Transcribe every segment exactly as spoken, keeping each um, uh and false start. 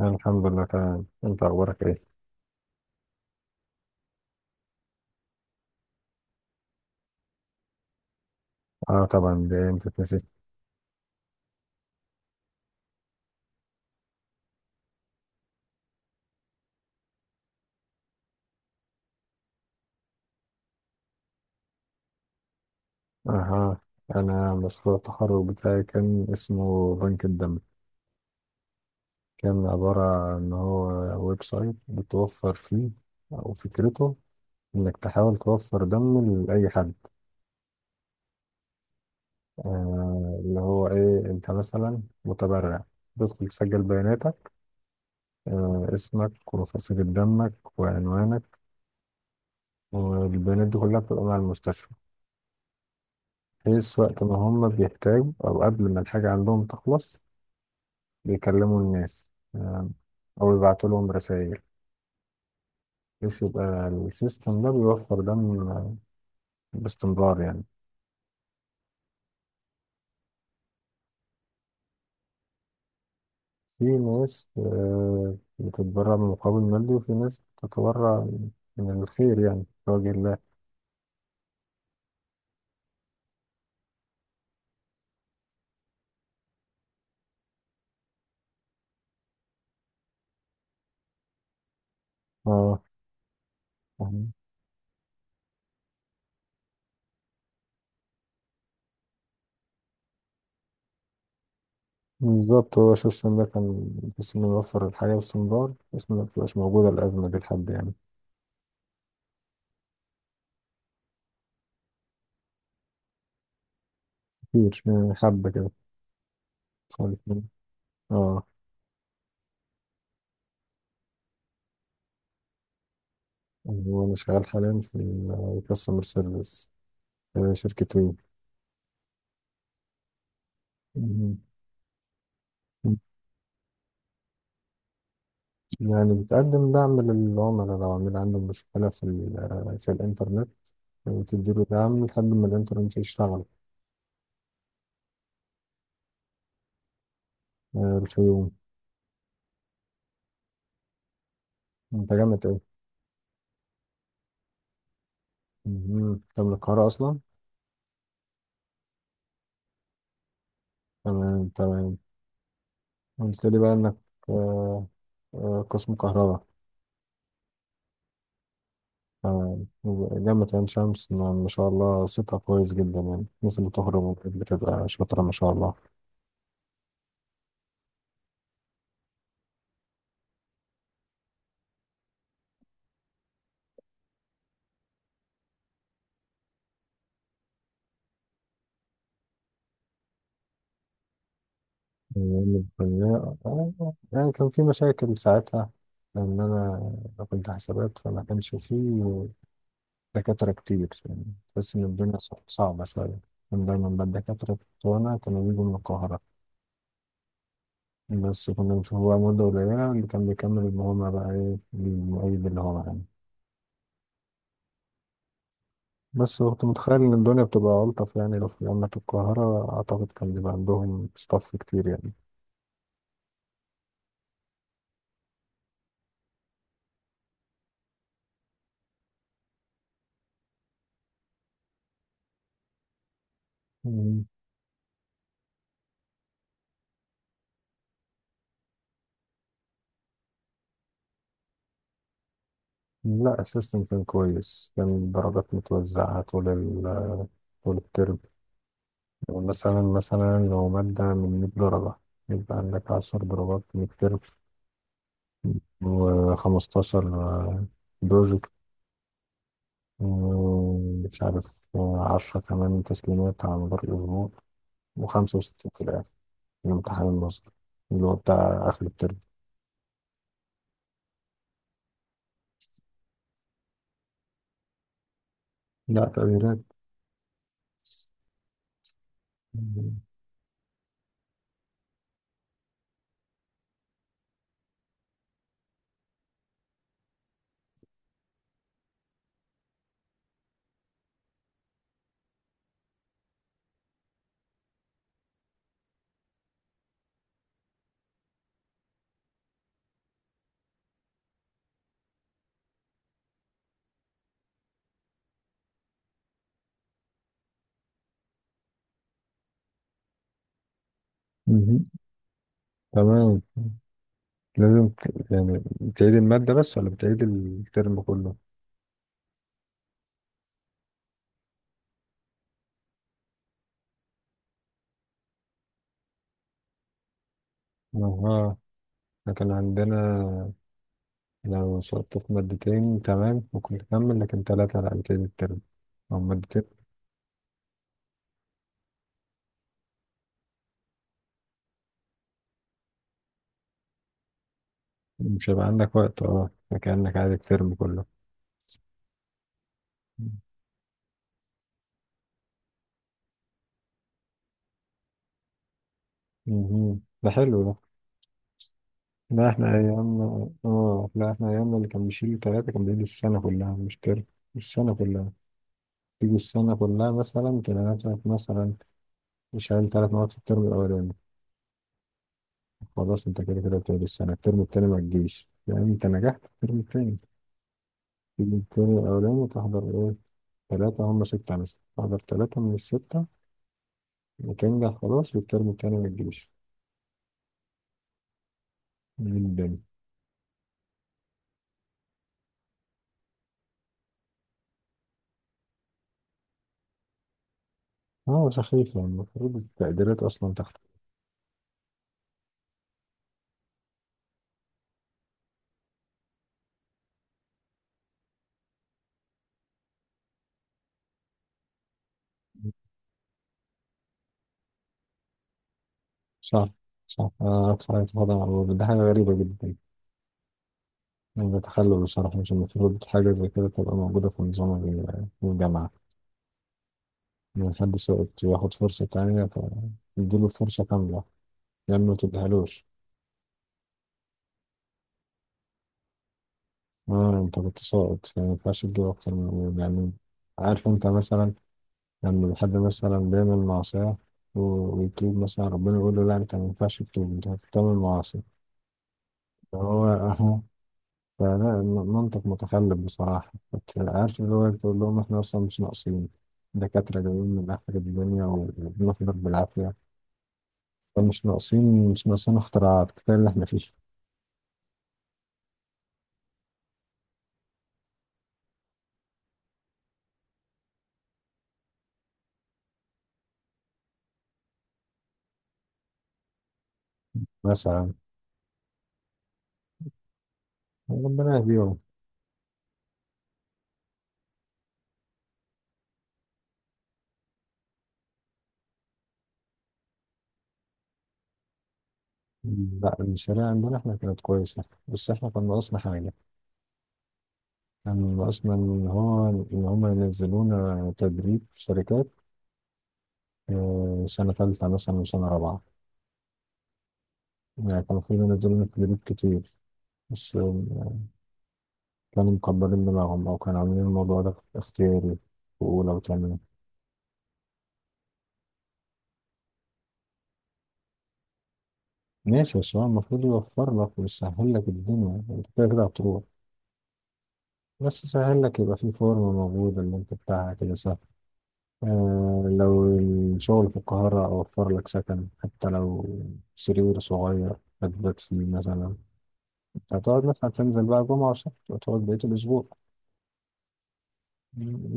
الحمد لله، تمام. انت اخبارك ايه؟ اه، طبعا. دي انت تنسيت. اها. انا مشروع التخرج بتاعي كان اسمه بنك الدم. كان عبارة عن ان هو ويب سايت بتوفر فيه، او فكرته انك تحاول توفر دم لاي حد. آه اللي هو ايه انت مثلا متبرع، تدخل تسجل بياناتك. آه اسمك وفصيلة دمك وعنوانك. والبيانات دي كلها بتبقى مع المستشفى، بحيث وقت ما هم بيحتاجوا أو قبل ما الحاجة عندهم تخلص بيكلموا الناس. آم، أو يبعتوا لهم رسائل، بحيث يبقى السيستم ده بيوفر دم باستمرار، يعني. في ناس آه، بتتبرع بمقابل مادي، وفي ناس بتتبرع من الخير، يعني في وجه الله. اه، فاهم. بالظبط، هو السيستم ده كان بس إنه يوفر الحياة باستمرار، بس ما تبقاش موجودة الأزمة دي لحد، يعني. كتير، آه، حبة كده خالص. اه. وأنا شغال حاليا في كاستمر سيرفيس في شركة وي. مم. يعني بتقدم دعم للعملاء، لو عميل عنده مشكلة في ال- في الإنترنت، وتديله دعم لحد ما الإنترنت يشتغل. آه، الخيوم. أنت جامد إيه؟ مم. أنت من القاهرة أصلا؟ تمام، تمام. قلت لي بقى إنك آه، آه، قسم كهرباء. تمام. جامعة عين شمس، ما ما شاء الله، صيتها كويس جدا، يعني الناس اللي بتخرج بتبقى شاطرة ما شاء الله. أيام الكلية، آه، يعني كان في مشاكل ساعتها، لأن أنا كنت حسابات فما كانش فيه دكاترة كتير، يعني. تحس إن الدنيا صع- صعبة شوية. كان دايما بقى الدكاترة بتوعنا كانوا بيجوا من القاهرة، بس كنا بنشوف بقى مدة قليلة اللي كان بيكمل اللي هما بقى إيه المعيد اللي هو معانا. بس كنت متخيل إن الدنيا بتبقى ألطف، يعني لو في جامعة القاهرة أعتقد كان بيبقى عندهم ستاف كتير، يعني. لا، السيستم كان كويس، كان الدرجات متوزعة طول ال طول الترم. مثلا مثلا لو مادة من مية درجة، يبقى عندك عشرة درجات من الترم، و15 بروجكت، ومش عارف، عشر كمان تسليمات على مدار الأسبوع، و65 في الآخر، الامتحان النظري اللي هو بتاع آخر الترم. لا، تغييرات. مهم. تمام. لازم ت- يعني بتعيد المادة بس ولا بتعيد الترم كله؟ اها. إحنا كان عندنا، لو سقطت في مادتين تمام ممكن تكمل، لكن ثلاثة على كده الترم أو مادتين مش هيبقى عندك وقت، اه، فكأنك عادي الترم كله. مهم. ده حلو ده. لا احنا ايامنا اه لا احنا ايامنا اللي كان بيشيل ثلاثة كان بيشيل السنة كلها مش ترم. السنة كلها. تيجي السنة كلها مثلا، تلاقي نفسك مثلا شايل ثلاث مواد في الترم الأولاني، خلاص انت كده كده بتقعد السنة، الترم التاني ما تجيش، يعني انت نجحت في الترم التاني. تيجي التاني الأولاني وتحضر، إيه، تلاتة هم ستة مثلا، تحضر تلاتة من الستة وتنجح. خلاص، والترم التاني ما تجيش. من الدنيا. اه، سخيف، يعني المفروض التقديرات أصلا تحت. صح، صح، آه، صحيح، طبعا هو ده حاجة غريبة جدا. يعني بتخلل بصراحة، مش المفروض حاجة زي كده تبقى موجودة في نظام ال- الجامعة. إن حد سقط ياخد فرصة تانية فيديله فرصة كاملة، يعني ما تديهالوش. اه، انت كنت ساقط يعني ما ينفعش تجيب أكتر من، يعني. عارف انت مثلا لما بحد مثلا بيعمل معصية و- ويتوب، مثلا ربنا يقول له: لا، أنت ما ينفعش تتوب، أنت بتعمل معاصي. فهو أهو. فلا، الم- منطق متخلف بصراحة، بت- عارف اللي هو تقول لهم: إحنا أصلا مش ناقصين دكاترة جايين من آخر الدنيا و- وبنحضر بالعافية. فمش ناقصين، مش ناقصين اختراعات، كفاية اللي إحنا فيه. مثلا، ربنا يهديهم. لا، الشريعة عندنا إحنا كانت كويسة، بس إحنا كان ناقصنا حاجة. كان ناقصنا إن هو إن هما ينزلونا تدريب في شركات، آه، سنة تالتة مثلا وسنة رابعة. يعني كانوا في منزلين في جروب كتير، بس، آه، كانوا مكبرين دماغهم أو كانوا عاملين الموضوع ده اختياري في أولى وتانية. ماشي، بس هو المفروض يوفر لك ويسهل لك الدنيا، أنت كده كده هتروح، بس يسهل لك، يبقى في فورم موجود اللي أنت بتاعها كده سهل. آه لو الشغل في القاهرة أوفر لك سكن، حتى لو سرير صغير هتبات فيه مثلا، هتقعد مثلا تنزل بقى جمعة وسبت وتقعد بقية الأسبوع.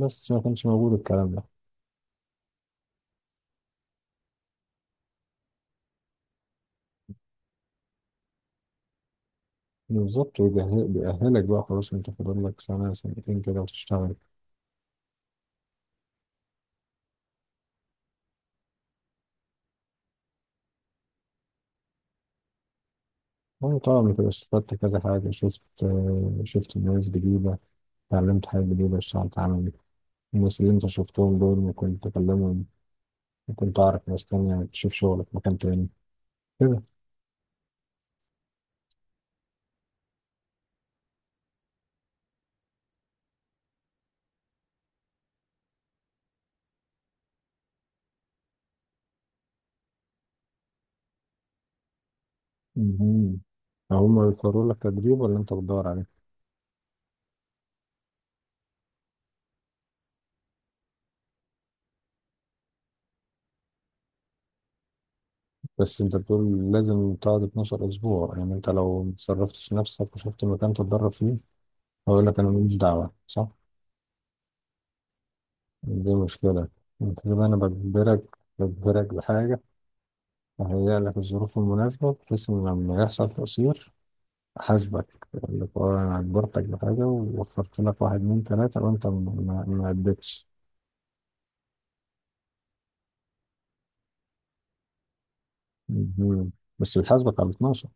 بس ما كانش موجود الكلام ده. بالظبط، ويجهز- بيأهلك بقى، خلاص انت فاضل لك سنة سنتين كده وتشتغل. وانا طبعا كده استفدت كذا حاجة، شفت آه، شفت ناس جديدة، اتعلمت حاجة جديدة، اشتغلت عملي. الناس اللي انت شفتهم دول ممكن تكلمهم، ممكن تعرف ناس تانية تشوف شغلك في مكان تاني، كده. مهم. هما بيقرروا لك تدريب ولا انت بتدور عليه؟ بس انت بتقول لازم تقعد اثنا عشر اسبوع، يعني انت لو متصرفتش نفسك وشفت مكان تتدرب فيه، هقول لك انا ماليش دعوة، صح؟ دي مشكلة. انت كده، انا بجبرك بجبرك بحاجة، اهيئ لك الظروف المناسبة بحيث ان لما يحصل تقصير احاسبك. اقول لك: اه انا اجبرتك بحاجة ووفرت لك واحد اتنين تلاتة، وانت ما ما- ما اديتش. مهم. بس بيحاسبك على اتناشر.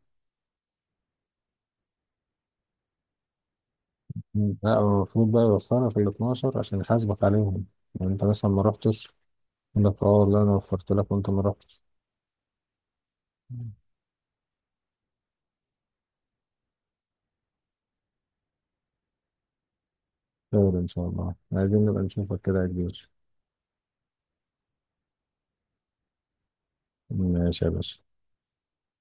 مم. لا هو المفروض بقى يوفرك ال الاثنا عشر عشان يحاسبك عليهم، يعني انت مثلا ما رحتش، يقول لك: اه والله انا وفرت لك وانت ما رحتش. مم. خير ان شاء الله، عايزين نبقى نشوفك كده يا كبير. ماشي يا باشا.